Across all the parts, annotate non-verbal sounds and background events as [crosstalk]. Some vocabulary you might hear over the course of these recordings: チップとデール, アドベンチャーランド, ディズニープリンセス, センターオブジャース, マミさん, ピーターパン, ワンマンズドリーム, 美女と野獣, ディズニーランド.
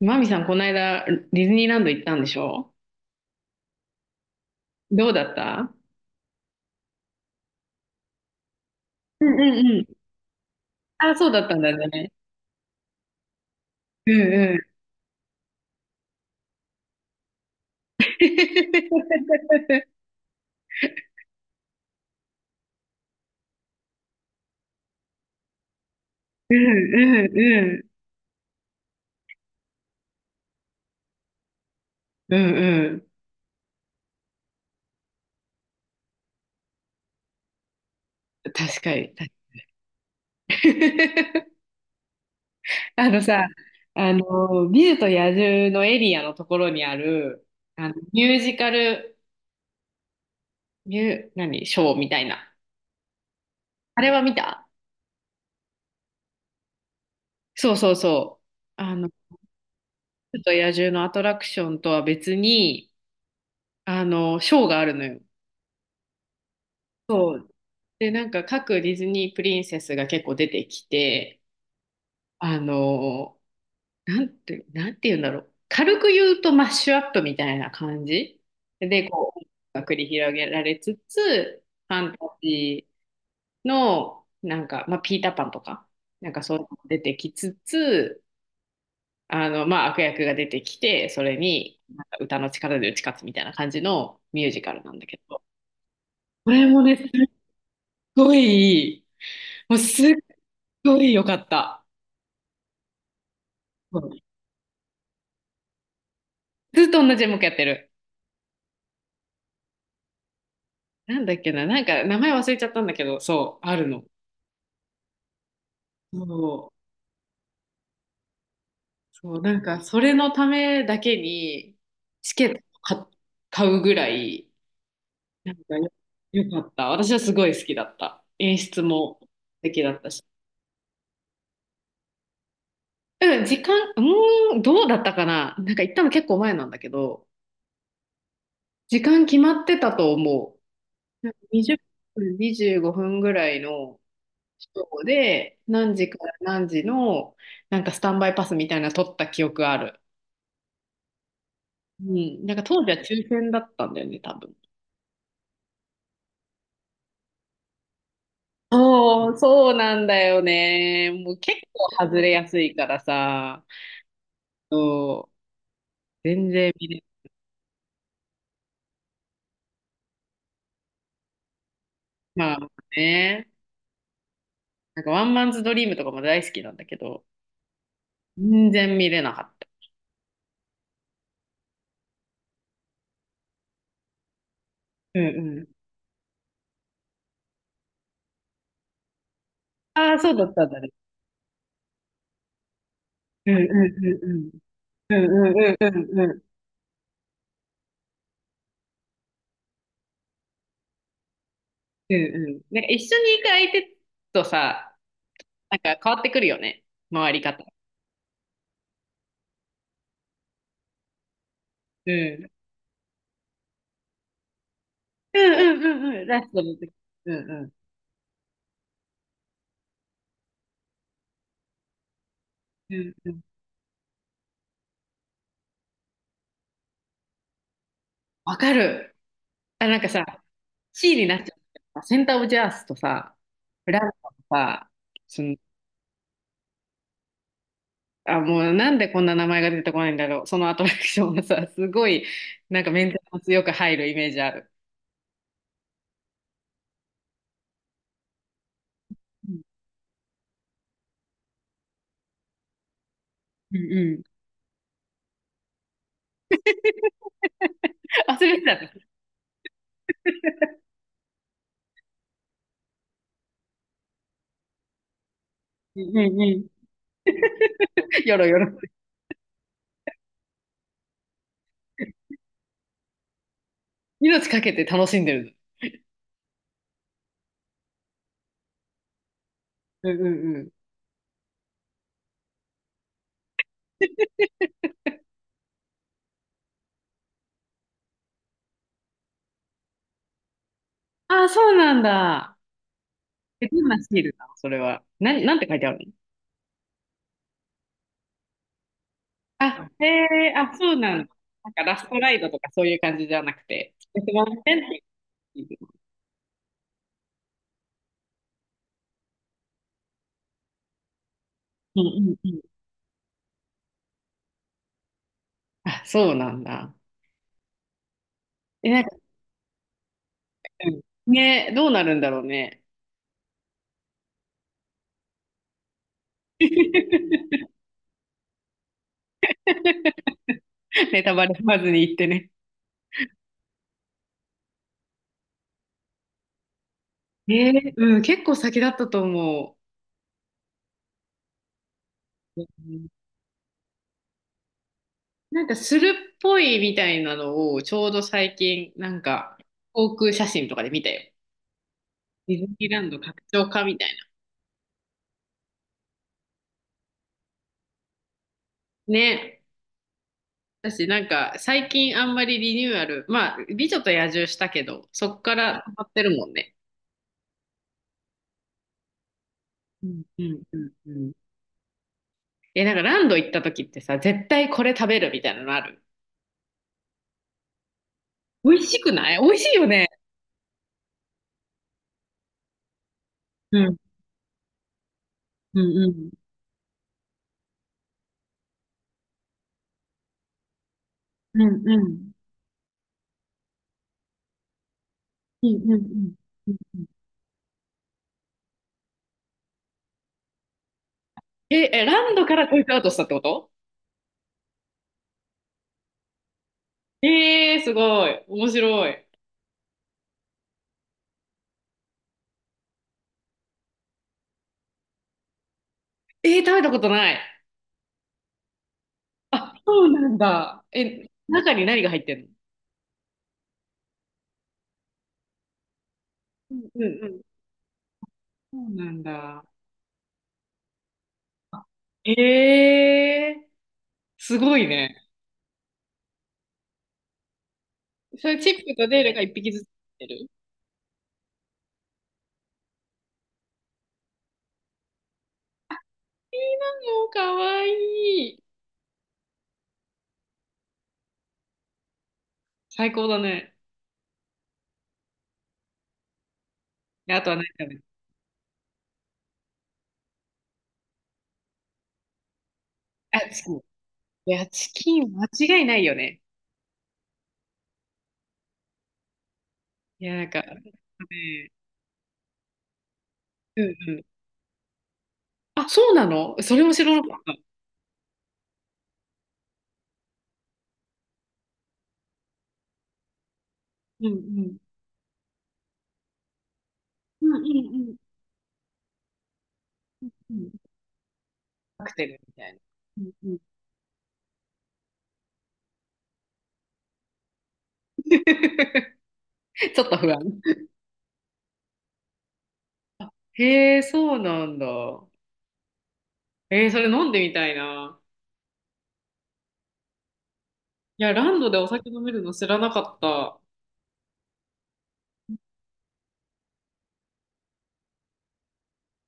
マミさん、この間、ディズニーランド行ったんでしょ？どうだった？うんうんうん。あ、そうだったんだね。うんうん。[laughs] うんうんうん。うんうん。確かに。[laughs] あのさ、美女と野獣のエリアのところにある、ミュージカル、ミュー、何、ショーみたいな。あれは見た？そうそうそう。美女と野獣のアトラクションとは別に、ショーがあるのよ。そうで、なんか各ディズニープリンセスが結構出てきて、あの、なんて言うんだろう。軽く言うとマッシュアップみたいな感じで、が繰り広げられつつ、ファンタジーの、なんか、まあ、ピーターパンとか、なんかそういうのも出てきつつ、まあ、悪役が出てきて、それに、なんか歌の力で打ち勝つみたいな感じのミュージカルなんだけど、これもね、すっごいい、もうすっごい良かった。うん。ずっと同じ演目やってる。なんだっけな、なんか名前忘れちゃったんだけど、そう、あるの。そう、そう、なんかそれのためだけにチケットか買うぐらい、なんかよかった。私はすごい好きだった。演出も素敵だったし。うん、時間、うーん、どうだったかな。なんか行ったの結構前なんだけど、時間決まってたと思う。なんか20分、25分ぐらいの。そうで、何時から何時の、なんかスタンバイパスみたいなの取った記憶ある。うん。なんか当時は抽選だったんだよね、多分。そう、そうなんだよね。もう結構外れやすいからさ。そう、全然見れ。まあね。なんかワンマンズドリームとかも大好きなんだけど、全然見れなかった。うんうん。ああ、そうだったんだね。うんうんうんうん。うんうんうんうんうん。うんうん。なんか一緒に行く相手とさ、なんか変わってくるよね、回り方。うん。うんうんうんうん。ラストの時。うんうん。うんうん。わかる。あ、なんかさ、C になっちゃった。センターオブジャースとさ、ランドとさ、その、あ、もうなんでこんな名前が出てこないんだろう。そのアトラクションがさ、すごい、なんかメンテナンスよく入るイメージある。うんうんうん。忘れてたね。うんうんうん。よろよろ。[laughs] 命かけて楽しんでるの。うんうんうん。あ、そうなんだ。え、どんなシールなのそれは？なんて書いてあるの？あ、へえ、あ、そうなんだ。なんかラストライドとかそういう感じじゃなくて、ちょっと待ってっていうシール。うんうんうん。あ、そうなんだ。え、なんか、うんね、どうなるんだろうね。[laughs] ネタバレ踏まずに言ってね。えうん、結構先だったと思う。うん。なんかするっぽいみたいなのをちょうど最近、なんか航空写真とかで見たよ。ディズニーランド拡張化みたいな。ね。私なんか最近あんまりリニューアル、まあ、美女と野獣したけど、そっから溜まってるもんね。うんうんうんうん。え、なんかランド行った時ってさ、絶対これ食べるみたいなのある？美味しくない？美味しいよね。うん。うんうん。うんうん。うんうんうん。え、え、ランドからテイクアウトしたってこと？えー、すごい。面白い。えー、食べたことない。あ、そうなんだ。え、中に何が入ってんの？うんうんうん。そうなんだ。えー。すごいね。それチップとデールが一匹ずつ出てる。いいなの、もうかわいい。最高だね。であとは何食べる？あ、チキン。いや、チキン間違いないよね。いや、なんか、ね、うんうん。あ、そうなのそれも知らなかった。うんうん。うんうんうんうん。カクテルみたいな。うんうん [laughs] ちょっと不安。へえ、そうなんだ。えー、それ飲んでみたいな。いや、ランドでお酒飲めるの知らなかった。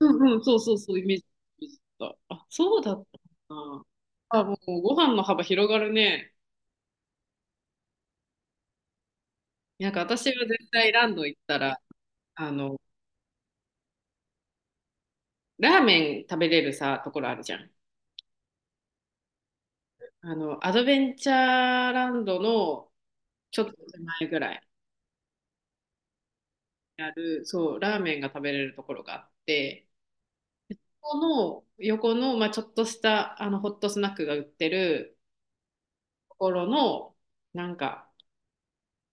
うんうん、そうそうそう、イメージでした。あ、そうだったな。あ、もうご飯の幅広がるね。なんか私は絶対ランド行ったら、あの、ラーメン食べれるさ、ところあるじゃん。アドベンチャーランドのちょっと手前ぐらいにある、そう、ラーメンが食べれるところがあって、ここの横の、まあ、ちょっとしたあのホットスナックが売ってるところの、なんか、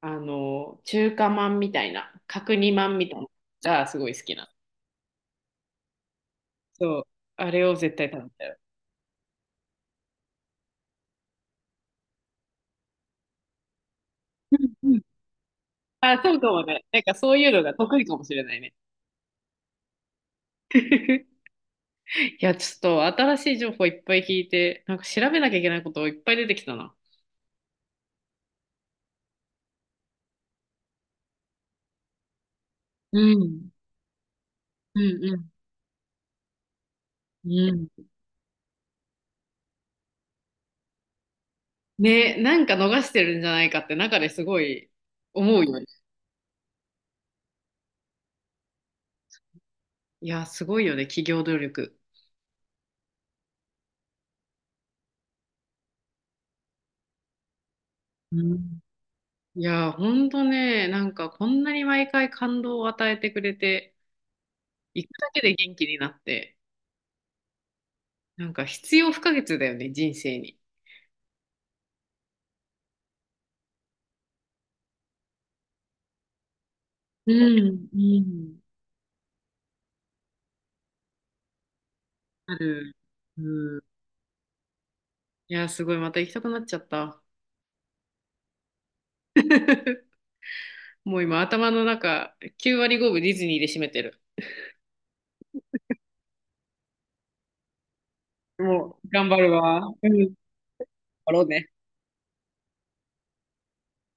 中華まんみたいな、角煮まんみたいなのがすごい好きな。そう、あれを絶対食べたよ。うんうん。あ、そうかもね。なんかそういうのが得意かもしれないね。[laughs] いや、ちょっと新しい情報いっぱい聞いて、なんか調べなきゃいけないこといっぱい出てきたな。うん、うん、うん、うん。ね、なんか逃してるんじゃないかって中ですごい思うよね。いや、すごいよね、企業努力。うん。いや、ほんとね、なんかこんなに毎回感動を与えてくれて、行くだけで元気になって、なんか必要不可欠だよね、人生に。うん、うん。ある。うん。いや、すごい、また行きたくなっちゃった。もう今、頭の中、9割5分ディズニーで占めてる。もう、頑張るわ。うん。頑張ろうね。